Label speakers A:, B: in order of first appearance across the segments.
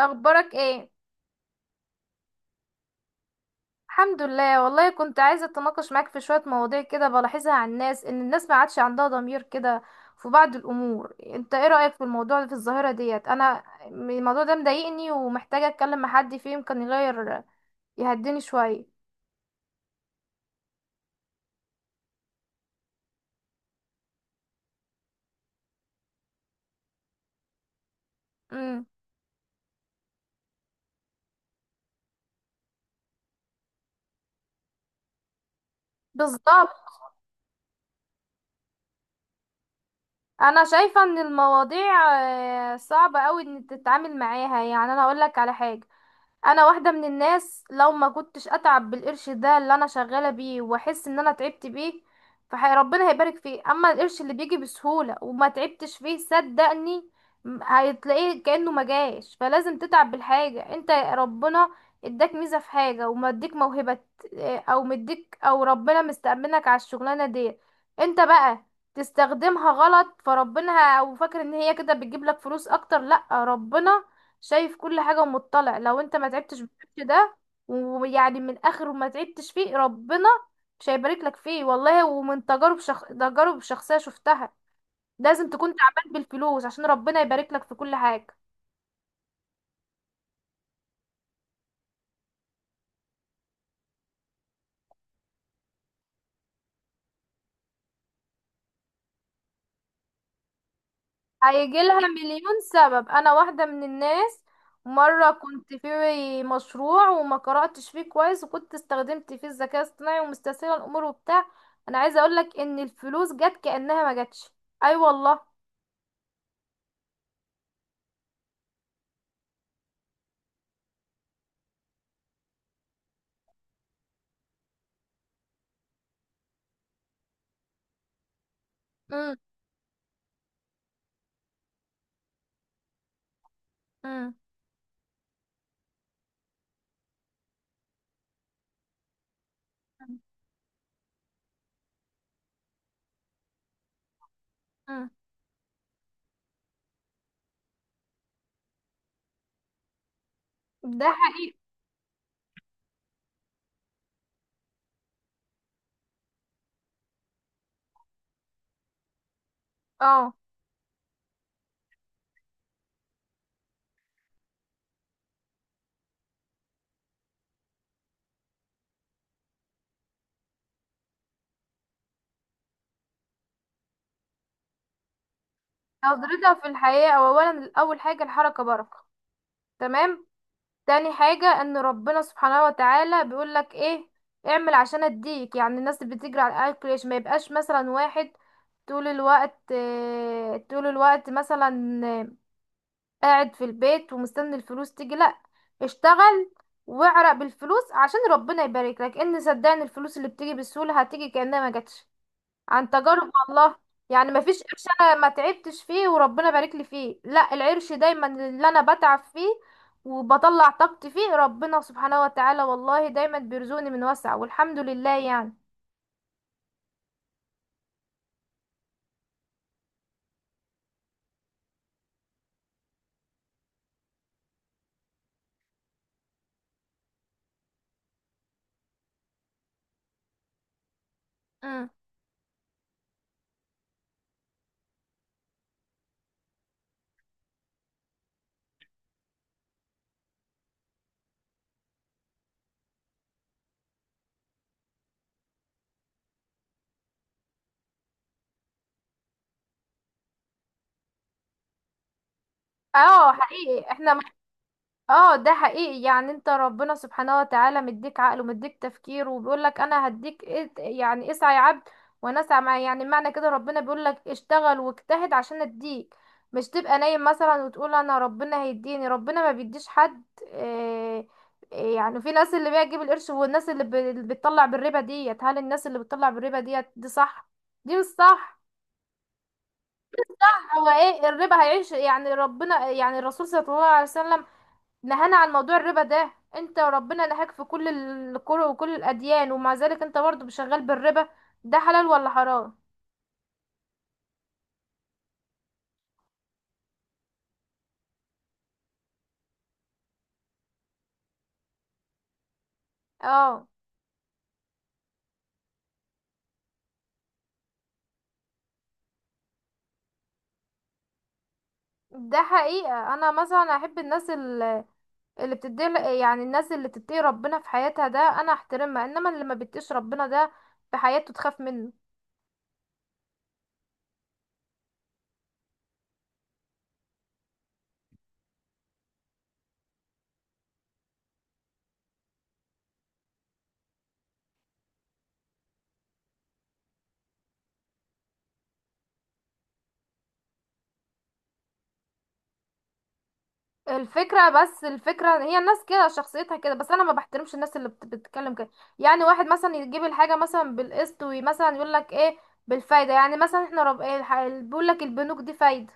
A: اخبارك ايه؟ الحمد لله، والله كنت عايزه اتناقش معاك في شويه مواضيع كده بلاحظها عن الناس، ان الناس ما عادش عندها ضمير كده في بعض الامور. انت ايه رايك في الموضوع، في الظاهره ديت؟ انا الموضوع ده مضايقني ومحتاجه اتكلم مع حد فيه يمكن يغير يهديني شويه. امم. بالظبط. انا شايفه ان المواضيع آه، صعبه قوي ان تتعامل معاها. يعني انا اقول لك على حاجه، انا واحده من الناس، لو ما كنتش اتعب بالقرش ده اللي انا شغاله بيه واحس ان انا تعبت بيه فربنا هيبارك فيه. اما القرش اللي بيجي بسهوله وما تعبتش فيه، صدقني هتلاقيه كانه ما جاش. فلازم تتعب بالحاجه. انت ربنا اداك ميزه في حاجه ومديك موهبه. اه، او مديك، او ربنا مستأمنك على الشغلانه دي. انت بقى تستخدمها غلط، فربنا او فاكر ان هي كده بتجيب لك فلوس اكتر؟ لا، ربنا شايف كل حاجة ومطلع. لو انت ما تعبتش بالوقت ده، ويعني من اخر ما تعبتش فيه، ربنا مش هيبارك لك فيه، والله. ومن تجارب تجارب شخصية شفتها، لازم تكون تعبان بالفلوس عشان ربنا يبارك لك في كل حاجة. هيجي لها مليون سبب. انا واحدة من الناس، مرة كنت في مشروع وما قرأتش فيه كويس، وكنت استخدمت فيه الذكاء الاصطناعي ومستسهلة الامور وبتاع، انا عايزة اقولك ان الفلوس جت كأنها ما جاتش. اي أيوة والله. امم. امم. ده حقيقي. اه. نظرتها في الحياة، أو اولا اول حاجة الحركة بركة. تمام. تاني حاجة، ان ربنا سبحانه وتعالى بيقولك ايه، اعمل عشان اديك. يعني الناس اللي بتجري على الاكل، ليش ما يبقاش مثلا واحد طول الوقت آه، طول الوقت مثلا آه، قاعد في البيت ومستني الفلوس تيجي؟ لا، اشتغل واعرق بالفلوس عشان ربنا يبارك لك. ان صدقني، الفلوس اللي بتيجي بسهولة هتيجي كأنها ما جاتش، عن تجارب الله. يعني مفيش قرش انا ما تعبتش فيه وربنا بارك لي فيه، لا، العرش دايما اللي انا بتعب فيه وبطلع طاقتي فيه، ربنا سبحانه وتعالى والله دايما بيرزقني من وسع، والحمد لله يعني. امم. اه حقيقي احنا. اه ده حقيقي، يعني انت ربنا سبحانه وتعالى مديك عقل ومديك تفكير، وبيقول لك انا هديك يعني اسعى يا عبد وانا اسعى معايا. يعني معنى كده ربنا بيقول لك اشتغل واجتهد عشان اديك، مش تبقى نايم مثلا وتقول انا ربنا هيديني. ربنا ما بيديش حد. اه. اه، يعني في ناس اللي بيجيب القرش، والناس اللي اللي بتطلع بالربا ديت، هل الناس اللي بتطلع بالربا ديت دي صح دي مش صح؟ هو ايه الربا؟ هيعيش يعني ربنا، يعني الرسول صلى الله عليه وسلم نهانا عن موضوع الربا ده، انت وربنا نهاك في كل الكره وكل الاديان، ومع ذلك انت برضه شغال بالربا، ده حلال ولا حرام؟ اه. ده حقيقة، انا مثلا احب الناس اللي بتدي، يعني الناس اللي تتقي ربنا في حياتها ده انا احترمها، انما اللي ما بتقيش ربنا ده في حياته تخاف منه. الفكرة، بس الفكرة هي الناس كده شخصيتها كده، بس انا ما بحترمش الناس اللي بتتكلم كده. يعني واحد مثلا يجيب الحاجة مثلا بالقسط ومثلا يقول لك ايه بالفايدة، يعني مثلا احنا رب ايه، بيقول لك البنوك دي فايدة،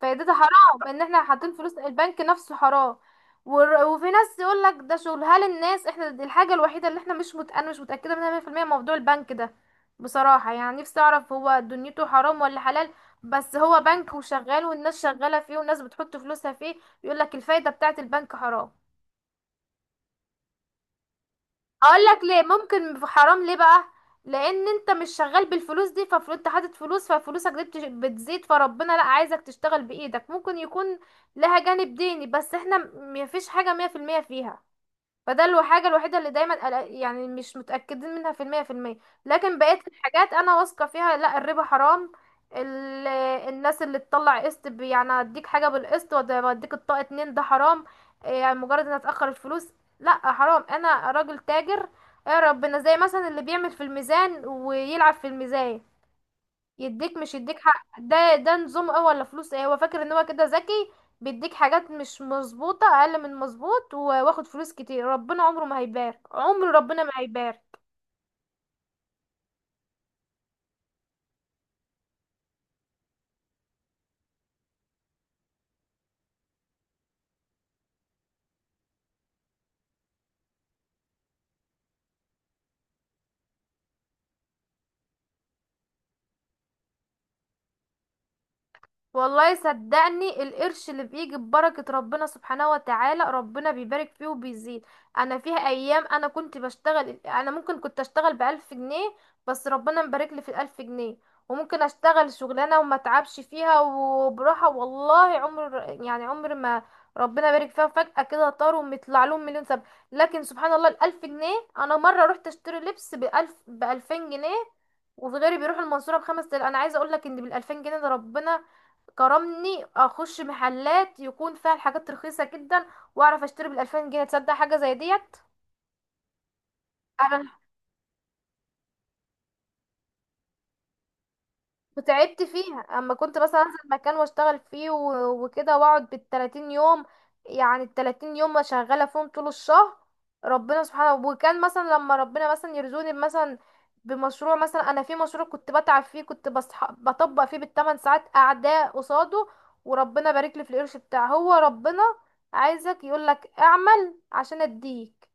A: فايدتها حرام، ان احنا حاطين فلوس، البنك نفسه حرام. وفي ناس يقول لك ده شغل. هل الناس احنا دي الحاجه الوحيده اللي احنا مش مت... انا مش متاكده منها 100%، موضوع البنك ده بصراحه يعني نفسي اعرف، هو دنيته حرام ولا حلال؟ بس هو بنك وشغال، والناس شغاله فيه والناس بتحط فلوسها فيه، يقول لك الفايده بتاعه البنك حرام. هقول لك ليه ممكن في حرام ليه بقى. لان انت مش شغال بالفلوس دي، ففلوس انت حاطط فلوس، ففلوسك دي بتزيد، فربنا لا عايزك تشتغل بايدك. ممكن يكون لها جانب ديني، بس احنا مفيش حاجة مية في المية فيها. فده الحاجة الوحيدة اللي دايما يعني مش متأكدين منها في المية في المية. لكن بقية الحاجات أنا واثقة فيها، لا الربا حرام. ال... الناس اللي تطلع قسط يعني اديك حاجة بالقسط واديك الطاقة اتنين، ده حرام. إيه، يعني مجرد ان اتأخر الفلوس، لا حرام. انا راجل تاجر يا ربنا، زي مثلا اللي بيعمل في الميزان ويلعب في الميزان، يديك مش يديك حق. ده ده نظام ايه ولا فلوس ايه؟ هو فاكر ان هو كده ذكي، بيديك حاجات مش مظبوطة، اقل من مظبوط واخد فلوس كتير. ربنا عمره ما هيبارك، عمر ربنا ما هيبارك. والله صدقني، القرش اللي بيجي ببركة ربنا سبحانه وتعالى، ربنا بيبارك فيه وبيزيد. انا فيها ايام انا كنت بشتغل، انا ممكن كنت اشتغل ب1000 جنيه، بس ربنا مبارك لي في ال1000 جنيه. وممكن اشتغل شغلانة وما اتعبش فيها وبراحة، والله عمر، يعني عمر ما ربنا بارك فيها، فجأة كده طاروا ومطلع لهم مليون سبب. لكن سبحان الله، ال1000 جنيه، انا مرة رحت اشتري لبس بألف ب2000 جنيه، وفي غيري بيروح المنصورة ب5000، انا عايزة اقول لك ان بال2000 جنيه ده ربنا كرمني اخش محلات يكون فيها الحاجات رخيصه جدا، واعرف اشتري بال2000 جنيه. تصدق حاجه زي ديت؟ انا وتعبت فيها، اما كنت مثلا انزل مكان واشتغل فيه وكده واقعد بال30 يوم. يعني ال30 يوم شغالة فيهم طول الشهر، ربنا سبحانه. وكان مثلا لما ربنا مثلا يرزقني مثلا بمشروع، مثلا انا في مشروع كنت بتعب فيه، كنت بطبق فيه ب8 ساعات قاعدة قصاده، وربنا بارك لي في القرش بتاعه. هو ربنا عايزك يقولك اعمل عشان اديك.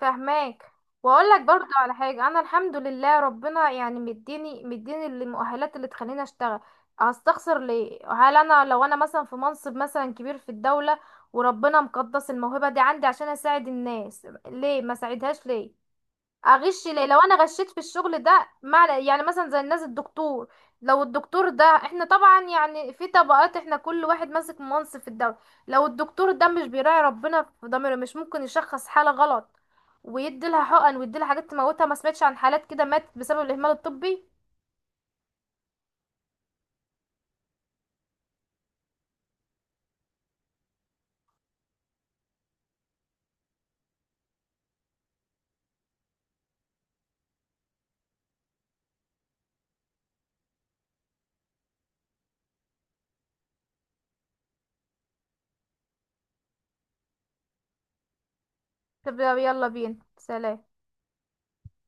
A: فهماك. واقول لك برضو على حاجه، انا الحمد لله ربنا يعني مديني مديني المؤهلات اللي تخليني اشتغل. هستخسر ليه؟ هل انا لو انا مثلا في منصب مثلا كبير في الدوله، وربنا مقدس الموهبه دي عندي عشان اساعد الناس، ليه ما ساعدهاش، ليه اغش ليه؟ لو انا غشيت في الشغل ده، مع يعني مثلا زي الناس الدكتور، لو الدكتور ده، احنا طبعا يعني في طبقات، احنا كل واحد ماسك منصب في الدولة، لو الدكتور ده مش بيراعي ربنا في ضميره، مش ممكن يشخص حالة غلط ويدي لها حقن ويدي لها حاجات تموتها؟ ما سمعتش عن حالات كده ماتت بسبب الاهمال الطبي؟ طب يلا بينا، سلام.